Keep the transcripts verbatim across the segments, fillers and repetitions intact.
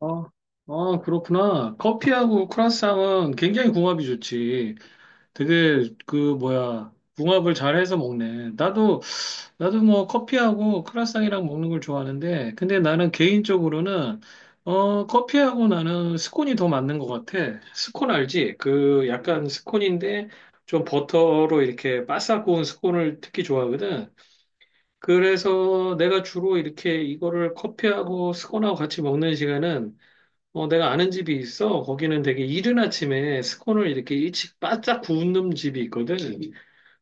아, 아, 그렇구나. 커피하고 크라상은 굉장히 궁합이 좋지. 되게 그 뭐야 궁합을 잘해서 먹네. 나도 나도 뭐 커피하고 크라상이랑 먹는 걸 좋아하는데, 근데 나는 개인적으로는 어 커피하고 나는 스콘이 더 맞는 것 같아. 스콘 알지? 그 약간 스콘인데 좀 버터로 이렇게 바싹 구운 스콘을 특히 좋아하거든. 그래서 내가 주로 이렇게 이거를 커피하고 스콘하고 같이 먹는 시간은 어, 내가 아는 집이 있어. 거기는 되게 이른 아침에 스콘을 이렇게 일찍 바짝 구운 집이 있거든.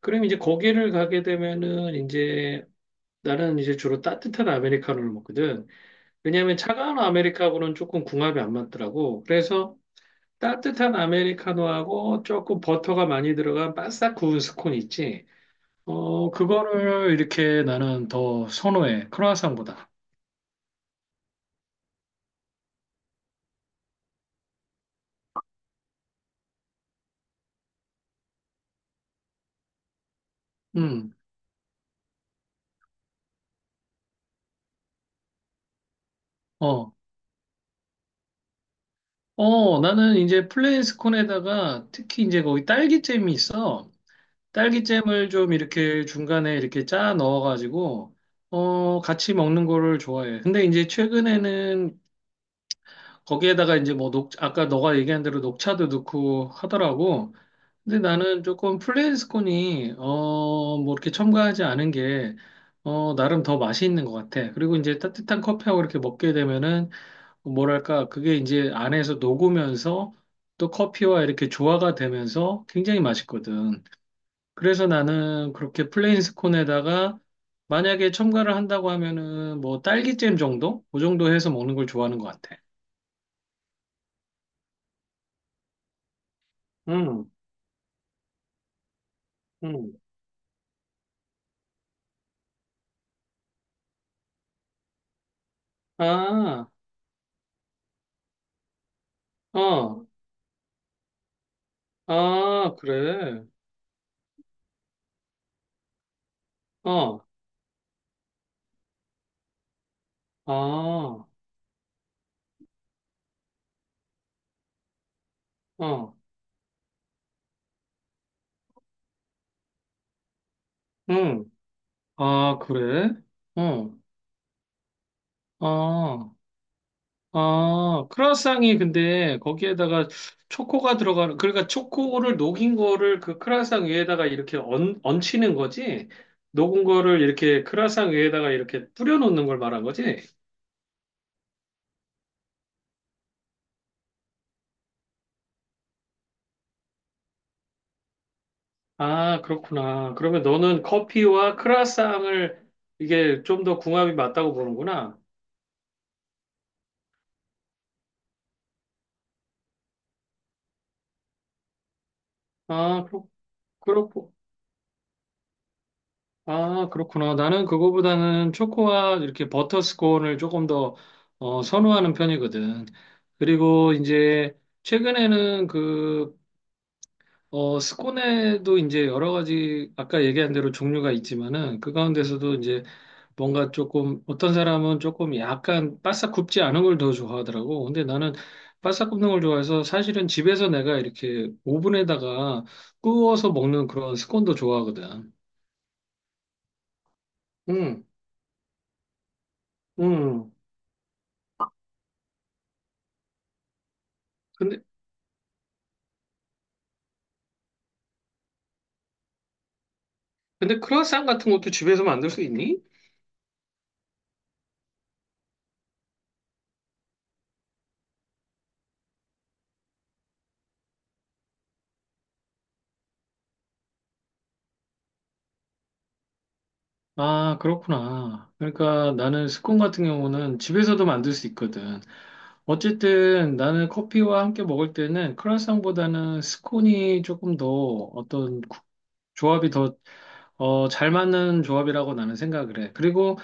그럼 이제 거기를 가게 되면은 이제 나는 이제 주로 따뜻한 아메리카노를 먹거든. 왜냐하면 차가운 아메리카노는 조금 궁합이 안 맞더라고. 그래서 따뜻한 아메리카노하고 조금 버터가 많이 들어간 바싹 구운 스콘 있지. 어, 그거를 이렇게 나는 더 선호해. 크루아상보다. 음. 어, 어, 나는 이제 플레인스콘에다가 특히 이제 거기 딸기잼이 있어. 딸기잼을 좀 이렇게 중간에 이렇게 짜 넣어가지고, 어, 같이 먹는 거를 좋아해. 근데 이제 최근에는 거기에다가 이제 뭐 녹, 아까 너가 얘기한 대로 녹차도 넣고 하더라고. 근데 나는 조금 플레인스콘이, 어, 뭐 이렇게 첨가하지 않은 게, 어, 나름 더 맛이 있는 것 같아. 그리고 이제 따뜻한 커피하고 이렇게 먹게 되면은 뭐랄까, 그게 이제 안에서 녹으면서 또 커피와 이렇게 조화가 되면서 굉장히 맛있거든. 그래서 나는 그렇게 플레인스콘에다가 만약에 첨가를 한다고 하면은 뭐 딸기잼 정도? 그 정도 해서 먹는 걸 좋아하는 것 같아. 음, 음. 아, 어, 아, 그래. 어, 아, 어, 음. 아, 그래? 어, 아. 아, 크루아상이 근데 거기에다가 초코가 들어가는, 그러니까 초코를 녹인 거를 그 크루아상 위에다가 이렇게 얹, 얹히는 거지? 녹은 거를 이렇게 크루아상 위에다가 이렇게 뿌려놓는 걸 말한 거지? 아, 그렇구나. 그러면 너는 커피와 크루아상을 이게 좀 더 궁합이 맞다고 보는구나. 아, 그렇, 그렇, 아, 그렇구나. 나는 그거보다는 초코와 이렇게 버터 스콘을 조금 더 어, 선호하는 편이거든. 그리고 이제 최근에는 그 어, 스콘에도 이제 여러 가지 아까 얘기한 대로 종류가 있지만은 그 가운데서도 이제 뭔가 조금 어떤 사람은 조금 약간 바싹 굽지 않은 걸 더 좋아하더라고. 근데 나는 바싹 굽는 걸 좋아해서 사실은 집에서 내가 이렇게 오븐에다가 구워서 먹는 그런 스콘도 좋아하거든. 음, 음. 근데 근데 크루아상 같은 것도 집에서 만들 수 있니? 아, 그렇구나. 그러니까 나는 스콘 같은 경우는 집에서도 만들 수 있거든. 어쨌든 나는 커피와 함께 먹을 때는 크루아상보다는 스콘이 조금 더 어떤 구- 조합이 더, 어, 잘 맞는 조합이라고 나는 생각을 해. 그리고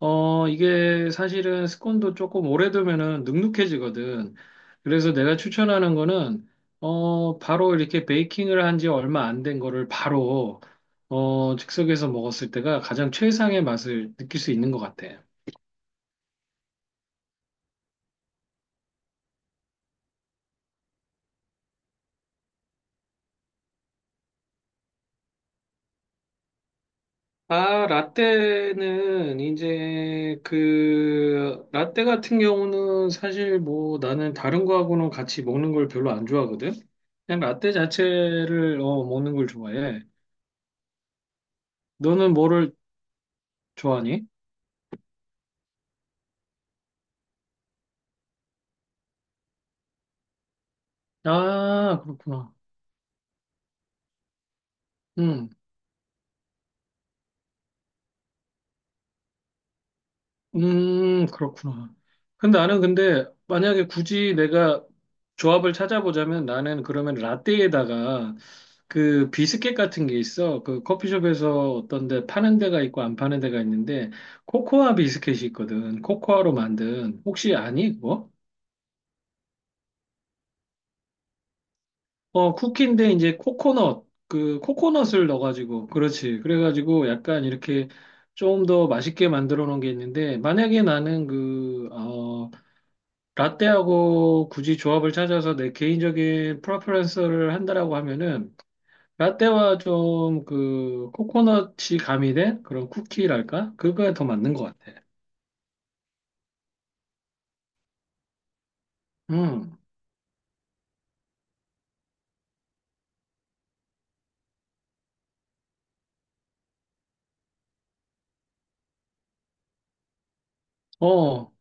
어, 이게 사실은 스콘도 조금 오래 두면은 눅눅해지거든. 그래서 내가 추천하는 거는, 어, 바로 이렇게 베이킹을 한 지 얼마 안 된 거를 바로, 어, 즉석에서 먹었을 때가 가장 최상의 맛을 느낄 수 있는 것 같아. 아, 라떼는 이제 그 라떼 같은 경우는 사실 뭐 나는 다른 거하고는 같이 먹는 걸 별로 안 좋아하거든. 그냥 라떼 자체를 어, 먹는 걸 좋아해. 너는 뭐를 좋아하니? 아, 그렇구나. 음, 음, 그렇구나. 근데 나는 근데 만약에 굳이 내가 조합을 찾아보자면 나는 그러면 라떼에다가 그 비스켓 같은 게 있어. 그 커피숍에서 어떤 데 파는 데가 있고 안 파는 데가 있는데 코코아 비스켓이 있거든. 코코아로 만든. 혹시 아니, 그거? 어, 쿠키인데 이제 코코넛, 그 코코넛을 넣어가지고, 그렇지. 그래가지고 약간 이렇게 좀 더 맛있게 만들어 놓은 게 있는데, 만약에 나는 그, 어, 라떼하고 굳이 조합을 찾아서 내 개인적인 프레퍼런스를 한다라고 하면은, 라떼와 좀 그 코코넛이 가미된 그런 쿠키랄까? 그거에 더 맞는 것 같아. 음. 어,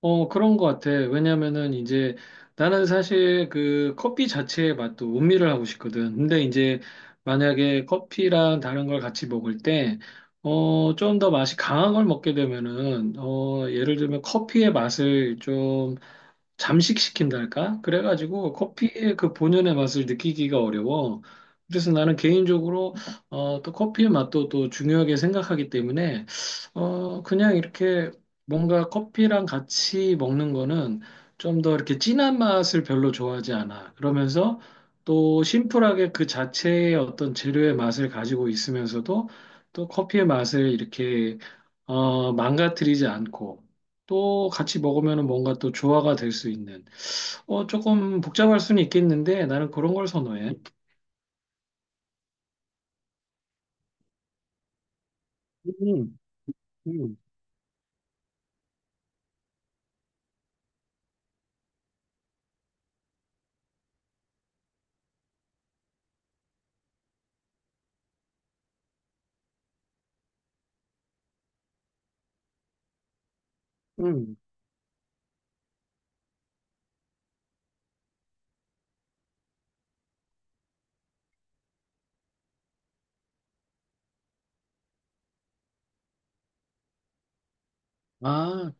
어, 그런 것 같아. 왜냐면은 이제 나는 사실 그 커피 자체의 맛도 음미를 하고 싶거든. 근데 이제 만약에 커피랑 다른 걸 같이 먹을 때, 어, 좀 더 맛이 강한 걸 먹게 되면은, 어, 예를 들면 커피의 맛을 좀 잠식시킨달까? 그래가지고 커피의 그 본연의 맛을 느끼기가 어려워. 그래서 나는 개인적으로 어, 또 커피의 맛도 또 중요하게 생각하기 때문에 어, 그냥 이렇게 뭔가 커피랑 같이 먹는 거는 좀 더 이렇게 진한 맛을 별로 좋아하지 않아. 그러면서 또 심플하게 그 자체의 어떤 재료의 맛을 가지고 있으면서도 또 커피의 맛을 이렇게 어, 망가뜨리지 않고 또 같이 먹으면 뭔가 또 조화가 될 수 있는. 어, 조금 복잡할 수는 있겠는데 나는 그런 걸 선호해. 음, 음, 음. 아,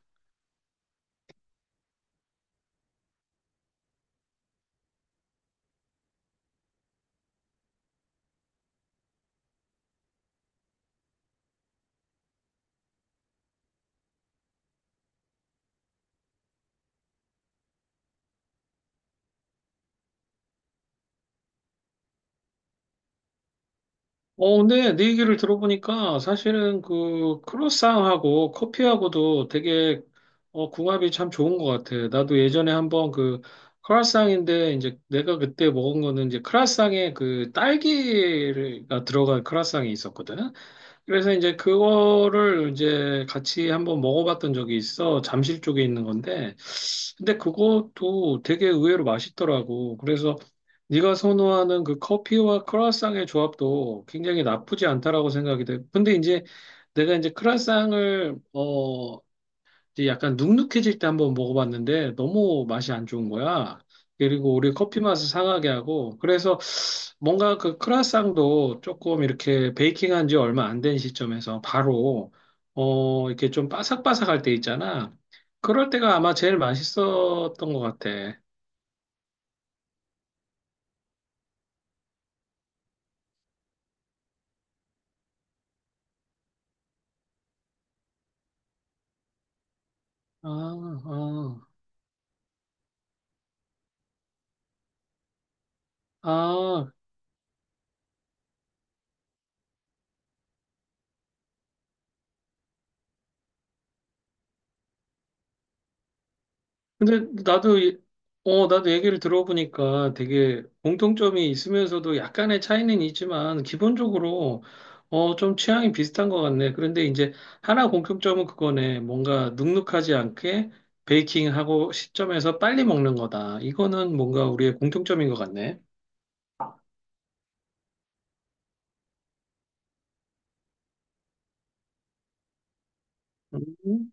어, 근데 네 얘기를 들어보니까 사실은 그 크로스상하고 커피하고도 되게 어, 궁합이 참 좋은 것 같아. 나도 예전에 한번 그 크라상인데 이제 내가 그때 먹은 거는 이제 크라상에 그 딸기가 들어간 크라상이 있었거든. 그래서 이제 그거를 이제 같이 한번 먹어봤던 적이 있어. 잠실 쪽에 있는 건데. 근데 그것도 되게 의외로 맛있더라고. 그래서 네가 선호하는 그 커피와 크루아상의 조합도 굉장히 나쁘지 않다라고 생각이 돼. 근데 이제 내가 이제 크루아상을 이제 약간 눅눅해질 때 한번 먹어봤는데 너무 맛이 안 좋은 거야. 그리고 우리 커피 맛을 상하게 하고 그래서 뭔가 그 크라상도 조금 이렇게 베이킹한 지 얼마 안 된 시점에서 바로 어 이렇게 좀 바삭바삭할 때 있잖아. 그럴 때가 아마 제일 맛있었던 것 같아. 아, 아, 아. 근데 나도, 이- 어, 나도 얘기를 들어보니까 되게 공통점이 있으면서도 약간의 차이는 있지만, 기본적으로, 어, 좀 취향이 비슷한 것 같네. 그런데 이제 하나 공통점은 그거네. 뭔가 눅눅하지 않게 베이킹하고 시점에서 빨리 먹는 거다. 이거는 뭔가 우리의 공통점인 것 같네. 음.